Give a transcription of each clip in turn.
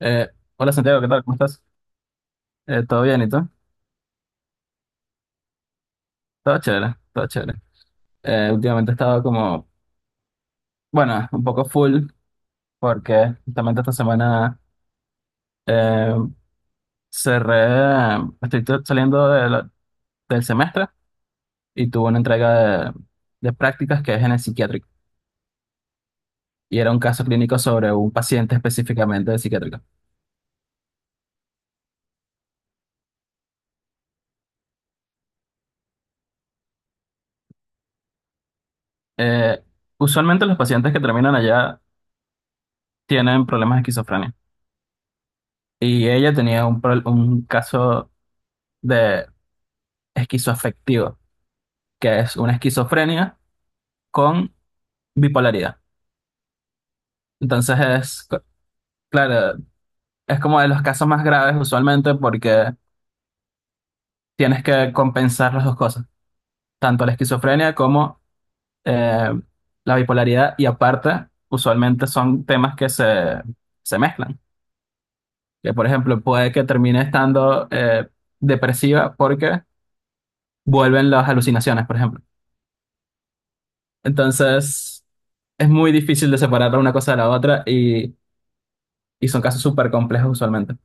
Eh, Hola Santiago, ¿qué tal? ¿Cómo estás? ¿Todo bien y tú? Todo chévere, todo chévere. Últimamente he estado como, bueno, un poco full porque justamente esta semana eh, cerré, estoy saliendo del semestre y tuve una entrega de prácticas que es en el psiquiátrico y era un caso clínico sobre un paciente específicamente de psiquiátrico. Eh, Usualmente los pacientes que terminan allá tienen problemas de esquizofrenia y ella tenía un caso de esquizoafectivo, que es una esquizofrenia con bipolaridad. Entonces es, claro, es como de los casos más graves usualmente porque tienes que compensar las dos cosas, tanto la esquizofrenia como eh, la bipolaridad, y aparte usualmente son temas que se mezclan. Que por ejemplo puede que termine estando depresiva porque vuelven las alucinaciones, por ejemplo. Entonces es muy difícil de separar una cosa de la otra, y son casos súper complejos usualmente.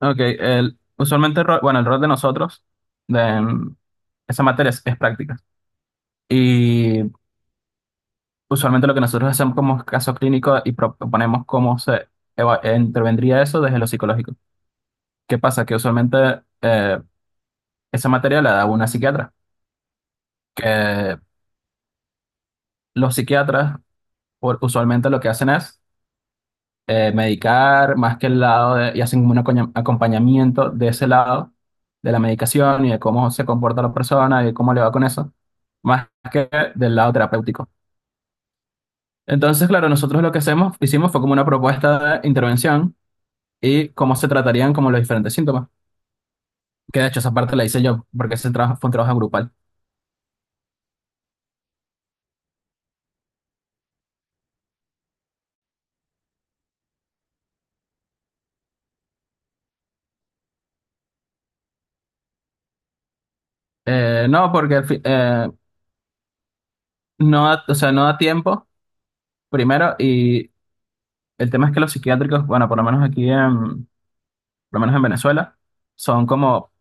Ok, el, usualmente, bueno, el rol de nosotros, de mm, esa materia es práctica. Y usualmente lo que nosotros hacemos como caso clínico y proponemos cómo se intervendría eso desde lo psicológico. ¿Qué pasa? Que usualmente esa materia la da una psiquiatra, que los psiquiatras usualmente lo que hacen es medicar, más que el lado de, y hacen como un acompañamiento de ese lado, de la medicación y de cómo se comporta la persona y de cómo le va con eso, más que del lado terapéutico. Entonces, claro, nosotros lo que hicimos fue como una propuesta de intervención y cómo se tratarían como los diferentes síntomas. Que de hecho esa parte la hice yo, porque ese trabajo fue un trabajo grupal. No, porque no, o sea, no da tiempo, primero, y el tema es que los psiquiátricos, bueno, por lo menos por lo menos en Venezuela, son como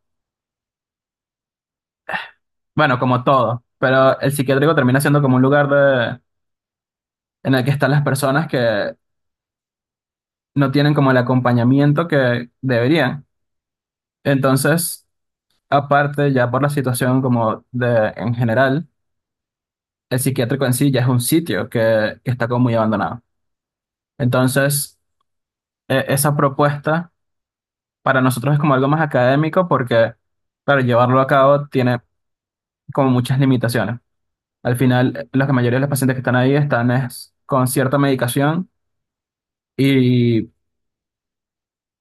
bueno, como todo, pero el psiquiátrico termina siendo como un lugar en el que están las personas que no tienen como el acompañamiento que deberían. Entonces, aparte ya por la situación como de en general, el psiquiátrico en sí ya es un sitio que, está como muy abandonado. Entonces, esa propuesta para nosotros es como algo más académico porque para llevarlo a cabo tiene como muchas limitaciones. Al final, la mayoría de los pacientes que están ahí están es con cierta medicación y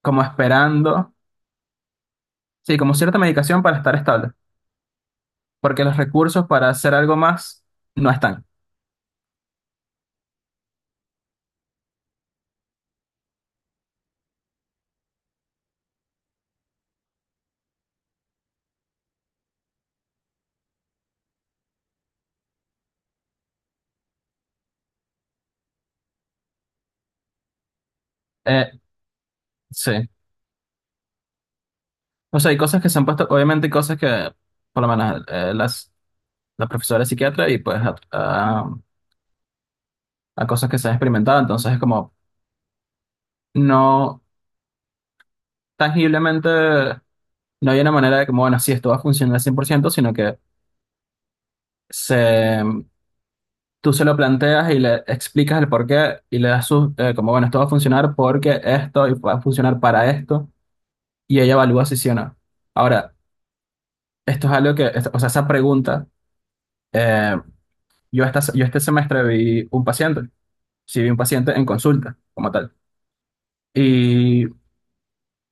como esperando, sí, como cierta medicación para estar estable, porque los recursos para hacer algo más no están. Eh, sí, o sea, hay cosas que se han puesto, obviamente hay cosas que, por lo menos, la profesora es psiquiatra y pues a cosas que se han experimentado, entonces es como, no, tangiblemente, no hay una manera de como, bueno, sí, esto va a funcionar al 100% sino que se. Tú se lo planteas y le explicas el por qué y le das sus, como, bueno, esto va a funcionar porque esto y va a funcionar para esto. Y ella evalúa si sí o no. Ahora, esto es algo que, o sea, esa pregunta, eh, yo este semestre vi un paciente, sí vi un paciente en consulta, como tal. Y,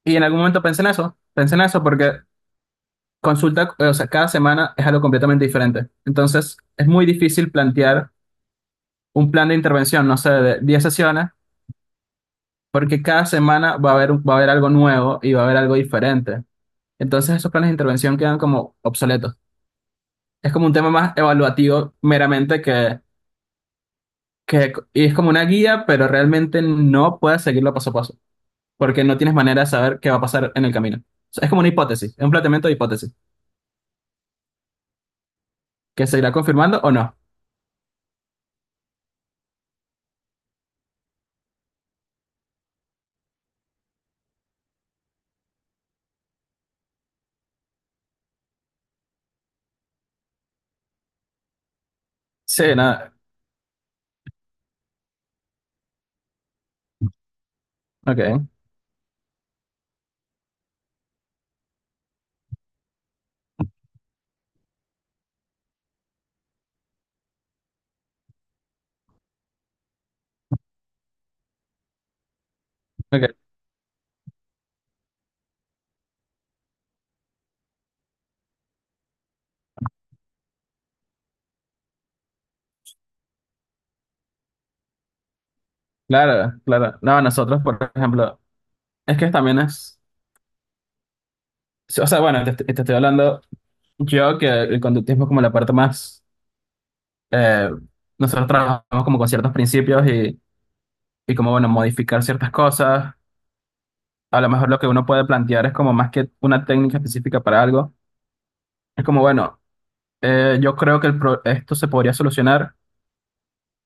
y en algún momento pensé en eso porque consulta, o sea, cada semana es algo completamente diferente. Entonces, es muy difícil plantear un plan de intervención, no sé, de 10 sesiones, porque cada semana va a haber, va a haber algo nuevo y va a haber algo diferente. Entonces, esos planes de intervención quedan como obsoletos. Es como un tema más evaluativo meramente que, y es como una guía, pero realmente no puedes seguirlo paso a paso, porque no tienes manera de saber qué va a pasar en el camino. O sea, es como una hipótesis, es un planteamiento de hipótesis, que se irá confirmando o no. Sí, nada. Ok, ok. Claro, claro. No, nosotros, por ejemplo, es que también es, sí, o sea, bueno, te estoy hablando yo que el conductismo es como la parte más, eh, nosotros trabajamos como con ciertos principios, y como, bueno, modificar ciertas cosas. A lo mejor lo que uno puede plantear es como más que una técnica específica para algo. Es como, bueno, yo creo que esto se podría solucionar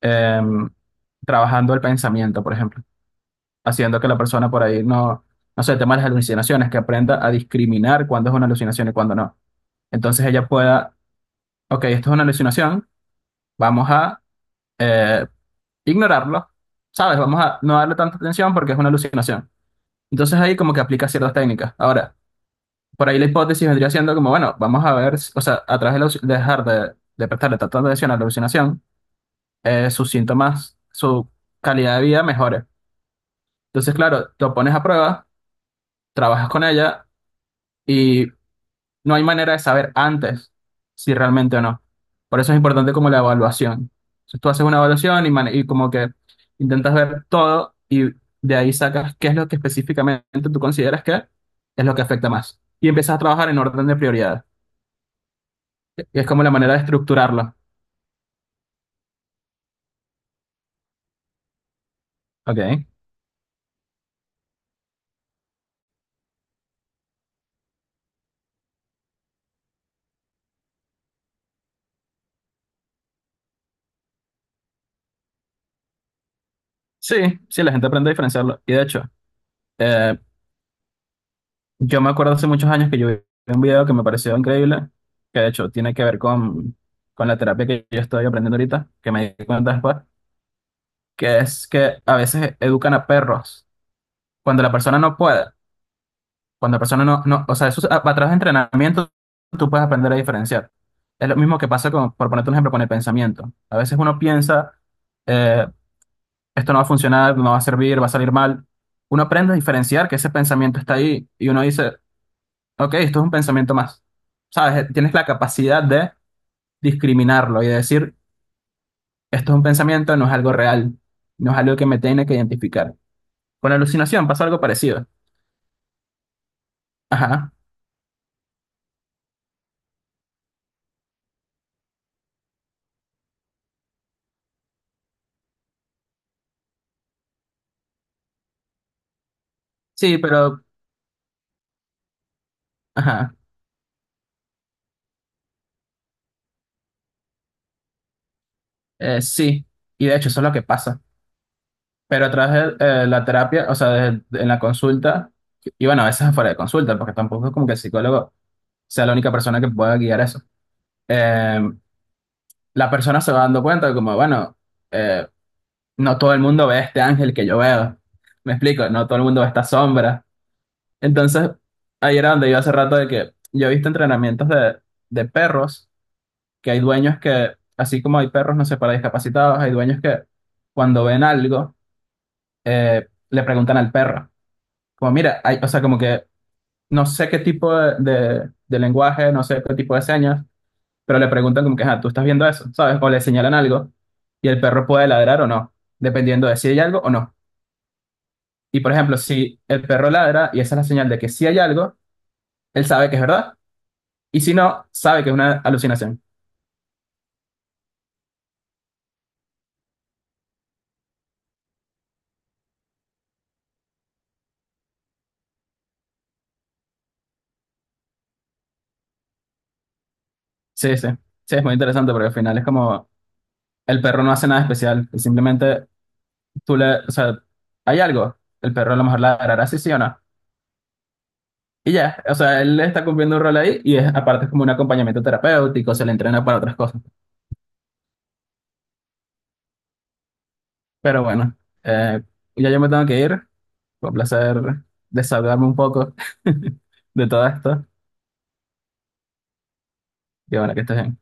em, trabajando el pensamiento, por ejemplo, haciendo que la persona por ahí no, no sé, el tema de las alucinaciones, que aprenda a discriminar cuándo es una alucinación y cuándo no. Entonces ella pueda, ok, esto es una alucinación, vamos a eh, ignorarlo, ¿sabes? Vamos a no darle tanta atención porque es una alucinación. Entonces ahí como que aplica ciertas técnicas. Ahora, por ahí la hipótesis vendría siendo como, bueno, vamos a ver, o sea, a través de dejar de prestarle tanta atención a la alucinación, sus síntomas, su calidad de vida mejore. Entonces, claro, lo pones a prueba, trabajas con ella y no hay manera de saber antes si realmente o no. Por eso es importante como la evaluación. Entonces, tú haces una evaluación y como que intentas ver todo y de ahí sacas qué es lo que específicamente tú consideras que es lo que afecta más. Y empiezas a trabajar en orden de prioridad. Y es como la manera de estructurarlo. Ok. Sí, sí, la gente aprende a diferenciarlo. Y de hecho, eh, yo me acuerdo hace muchos años que yo vi un video que me pareció increíble, que de hecho tiene que ver con la terapia que yo estoy aprendiendo ahorita, que me di cuenta después, que es que a veces educan a perros cuando la persona no puede, cuando la persona no, o sea, a través de entrenamiento tú puedes aprender a diferenciar. Es lo mismo que pasa con, por ponerte un ejemplo, con el pensamiento. A veces uno piensa, eh, esto no va a funcionar, no va a servir, va a salir mal. Uno aprende a diferenciar que ese pensamiento está ahí y uno dice, ok, esto es un pensamiento más. ¿Sabes? Tienes la capacidad de discriminarlo y de decir, esto es un pensamiento, no es algo real, no es algo que me tiene que identificar. Con alucinación pasa algo parecido. Ajá. Sí, pero, ajá. Sí. Y de hecho, eso es lo que pasa. Pero a través de la terapia, o sea, en la consulta, y bueno, a veces afuera de consulta, porque tampoco es como que el psicólogo sea la única persona que pueda guiar eso. Eh, la persona se va dando cuenta de como, bueno, eh, no todo el mundo ve este ángel que yo veo. Me explico, no todo el mundo ve esta sombra. Entonces, ahí era donde yo hace rato de que yo he visto entrenamientos de perros, que hay dueños que, así como hay perros, no sé, para discapacitados, hay dueños que cuando ven algo, le preguntan al perro, como mira, hay, o sea, como que no sé qué tipo de lenguaje, no sé qué tipo de señas, pero le preguntan como que, ah, tú estás viendo eso, ¿sabes? O le señalan algo y el perro puede ladrar o no, dependiendo de si hay algo o no. Y por ejemplo, si el perro ladra y esa es la señal de que sí hay algo, él sabe que es verdad. Y si no, sabe que es una alucinación. Sí, sí. Sí, es muy interesante porque al final es como el perro no hace nada especial. Y simplemente o sea, hay algo. El perro a lo mejor ladrará, sí, sí o no. Y ya, o sea, él está cumpliendo un rol ahí y es, aparte es como un acompañamiento terapéutico, se le entrena para otras cosas. Pero bueno, eh, ya yo me tengo que ir. Fue un placer desahogarme un poco de todo esto. Y bueno, que estés bien.